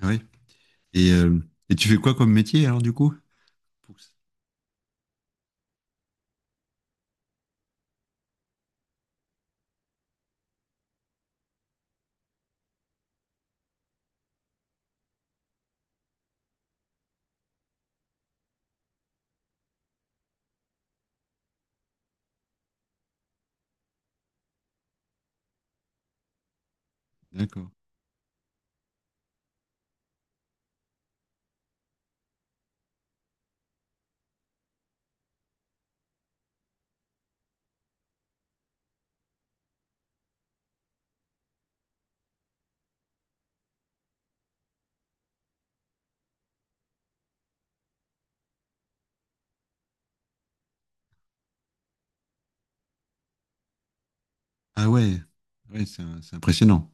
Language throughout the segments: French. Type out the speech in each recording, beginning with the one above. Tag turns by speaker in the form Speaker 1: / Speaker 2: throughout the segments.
Speaker 1: Ah ouais. Et, euh, et tu fais quoi comme métier alors du coup? Pour. D'accord. Ah ouais, ouais, c'est impressionnant.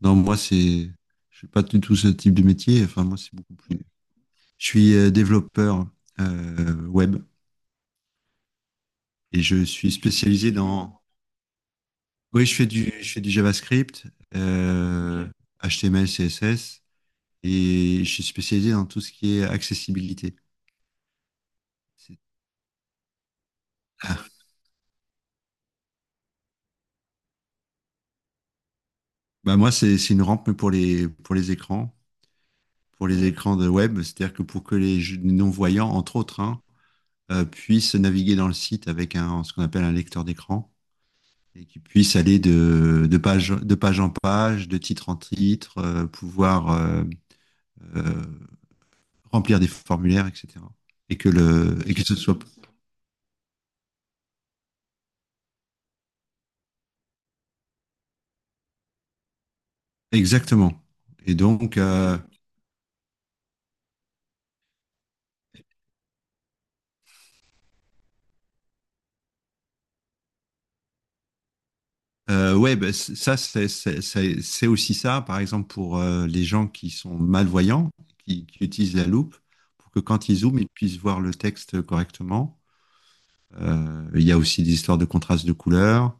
Speaker 1: Non, je suis pas du tout ce type de métier. Enfin moi c'est beaucoup plus. Je suis développeur web et je suis spécialisé dans. Oui, je fais du JavaScript, euh, ok. HTML, CSS et je suis spécialisé dans tout ce qui est accessibilité. C'est- Bah, moi c'est une rampe mais pour les écrans. Pour les écrans de web, c'est-à-dire que pour que les non-voyants, entre autres, hein, puissent naviguer dans le site avec ce qu'on appelle un lecteur d'écran, et qu'ils puissent aller de page en page, de titre en titre, pouvoir euh, remplir des formulaires, etc. Et que ce soit exactement. Et donc, ouais, bah, ça, c'est aussi ça, par exemple, pour les gens qui sont malvoyants, qui utilisent la loupe, pour que quand ils zooment, ils puissent voir le texte correctement. Il y a aussi des histoires de contraste de couleurs,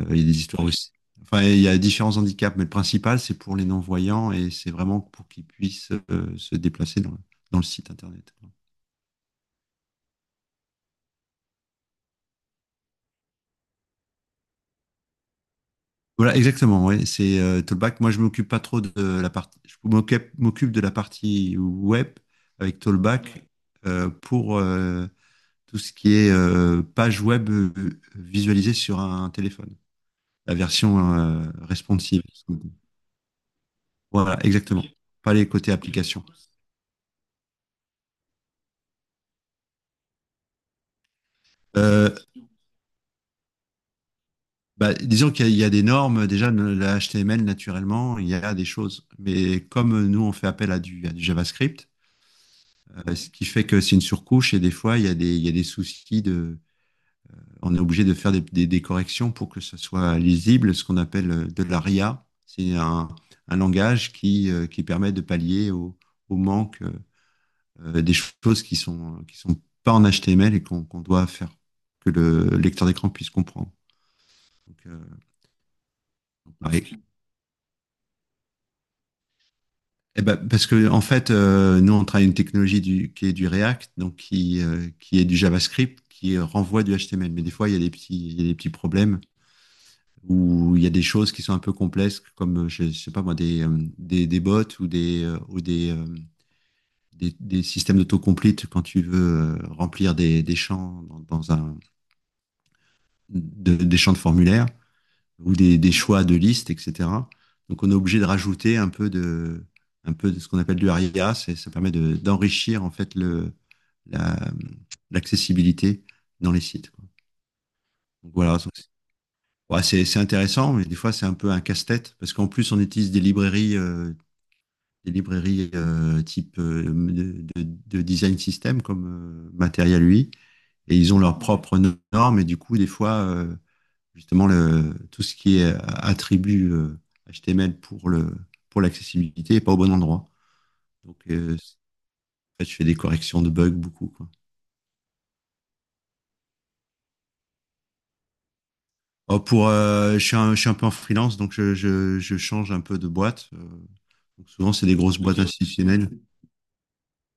Speaker 1: il y a des histoires aussi. Enfin, il y a différents handicaps, mais le principal, c'est pour les non-voyants, et c'est vraiment pour qu'ils puissent se déplacer dans le site internet. Voilà, exactement. Ouais. C'est Tollback. Moi, je m'occupe pas trop de la partie. Je m'occupe de la partie web avec, ouais, Tollback, pour tout ce qui est page web visualisée sur un téléphone. La version responsive. Voilà, exactement. Ok. Pas les côtés. Et du application. Coup. Euh, Bah, disons qu'il y a des normes. Déjà, le HTML, naturellement, il y a des choses. Mais comme nous, on fait appel à du JavaScript. Ce qui fait que c'est une surcouche, et des fois, il y a des soucis de, on est obligé de faire des corrections pour que ça soit lisible, ce qu'on appelle de la RIA. C'est un langage qui permet de pallier au, au manque des choses qui sont pas en HTML et qu'on doit faire que le lecteur d'écran puisse comprendre. Donc, pareil. Eh ben, parce que en fait, nous on travaille une technologie qui est du React, donc qui est du JavaScript, qui renvoie du HTML. Mais des fois, il y a des petits, il y a des petits problèmes où il y a des choses qui sont un peu complexes, comme, je sais pas moi, des bots ou des systèmes d'autocomplete quand tu veux remplir des champs dans des champs de formulaire ou des choix de liste, etc. Donc, on est obligé de rajouter un peu de ce qu'on appelle du ARIA. Ça permet de, d'enrichir, en fait, la, l'accessibilité dans les sites, quoi. Donc, voilà. Donc, ouais, c'est intéressant, mais des fois, c'est un peu un casse-tête parce qu'en plus, on utilise des librairies type design system comme Material UI, et ils ont leurs propres normes, et du coup, des fois, justement, tout ce qui est attribut HTML pour l'accessibilité n'est pas au bon endroit. Donc, en fait, je fais des corrections de bugs beaucoup, quoi. Oh, je suis un peu en freelance, donc je change un peu de boîte. Donc, souvent, c'est des grosses boîtes institutionnelles.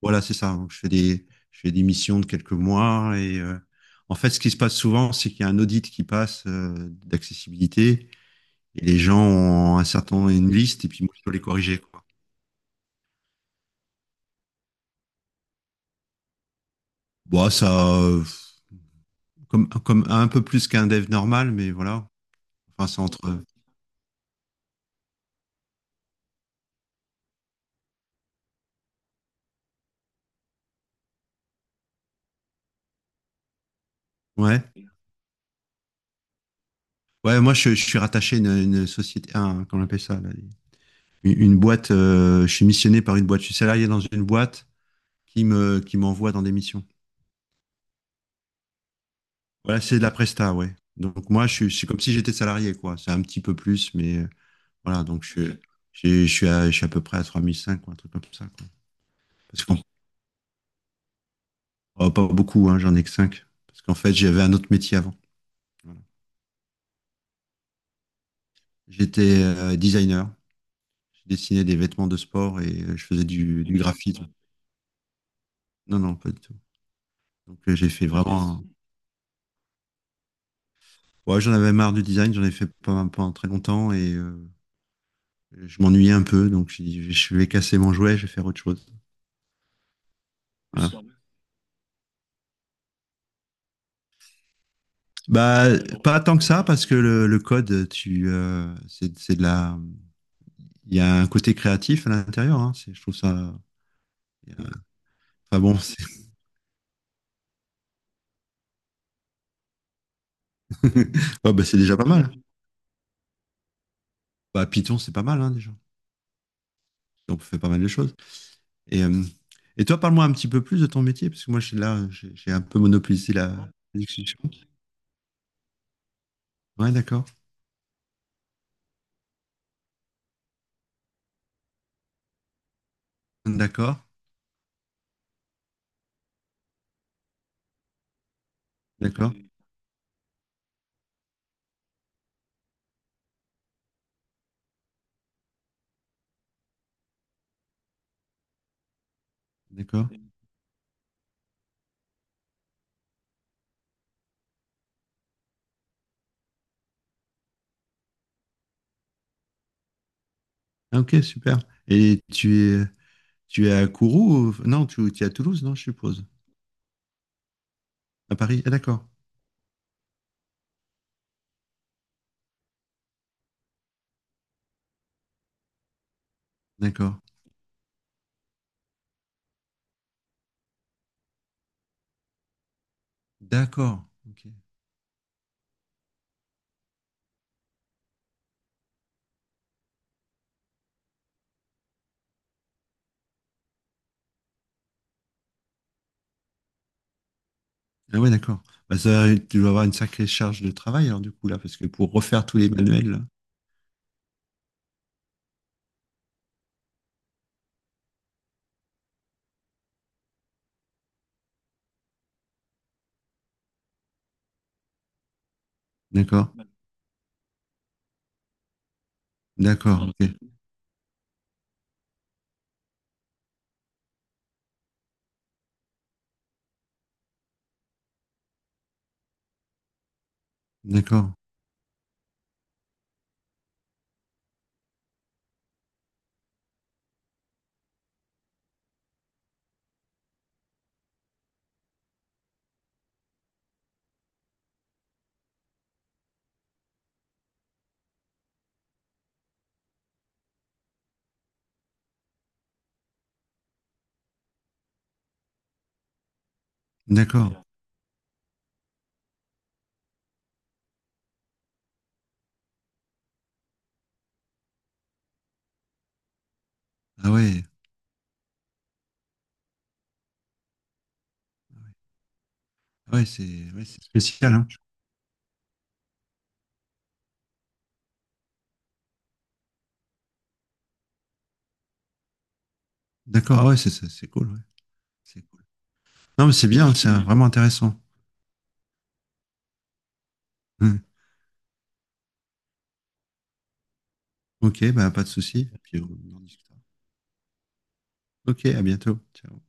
Speaker 1: Voilà, c'est ça, hein. Je fais des missions de quelques mois, et en fait, ce qui se passe souvent, c'est qu'il y a un audit qui passe d'accessibilité, et les gens ont un certain une liste, et puis moi je dois les corriger, quoi. Bon, ça, comme un peu plus qu'un dev normal, mais voilà. Enfin, c'est entre ouais. Ouais, moi je suis rattaché à une société, comment on appelle ça là, une boîte. Je suis missionné par une boîte. Je suis salarié dans une boîte qui me qui m'envoie dans des missions. Voilà, c'est de la presta, ouais. Donc moi, c'est comme si j'étais salarié, quoi. C'est un petit peu plus, mais voilà, donc je suis à peu près à 3005, quoi, un truc comme ça, quoi. Parce qu'on, oh, pas beaucoup, hein, j'en ai que 5. Parce qu'en fait, j'avais un autre métier avant. Voilà. J'étais designer. Je dessinais des vêtements de sport et je faisais du graphisme. Non, non, pas du tout. Donc, j'ai fait vraiment. Ouais, j'en avais marre du design, j'en ai fait pendant très longtemps, et je m'ennuyais un peu, donc j'ai dit, je vais casser mon jouet, je vais faire autre chose. Voilà. Bah, pas tant que ça, parce que le code, c'est de il y a un côté créatif à l'intérieur, hein. Je trouve ça. il y a- Enfin bon, c'est. Ouais, bah, c'est déjà pas mal. Bah, Python, c'est pas mal, hein, déjà. On fait pas mal de choses. Et, euh, et toi, parle-moi un petit peu plus de ton métier, parce que moi, je suis là, j'ai un peu monopolisé la discussion. Ouais, d'accord, d'accord, d'accord, d'accord. Ah, ok, super. Et tu es à Kourou? Non, tu es à Toulouse, non, je suppose. À Paris. Ah, d'accord, d'accord. D'accord. Ok. Ah ouais, d'accord. Bah, ça, tu dois avoir une sacrée charge de travail, alors, du coup, là, parce que pour refaire tous les manuels, là. D'accord. D'accord. Ok. D'accord. D'accord. Ah ouais. Ah ouais, c'est spécial, hein. D'accord. Ah ouais, c'est cool, ouais. C'est cool. Non, mais c'est bien, c'est vraiment intéressant. Hum. Ok, bah, pas de souci. Puis on en discutera. Ok, à bientôt. Ciao.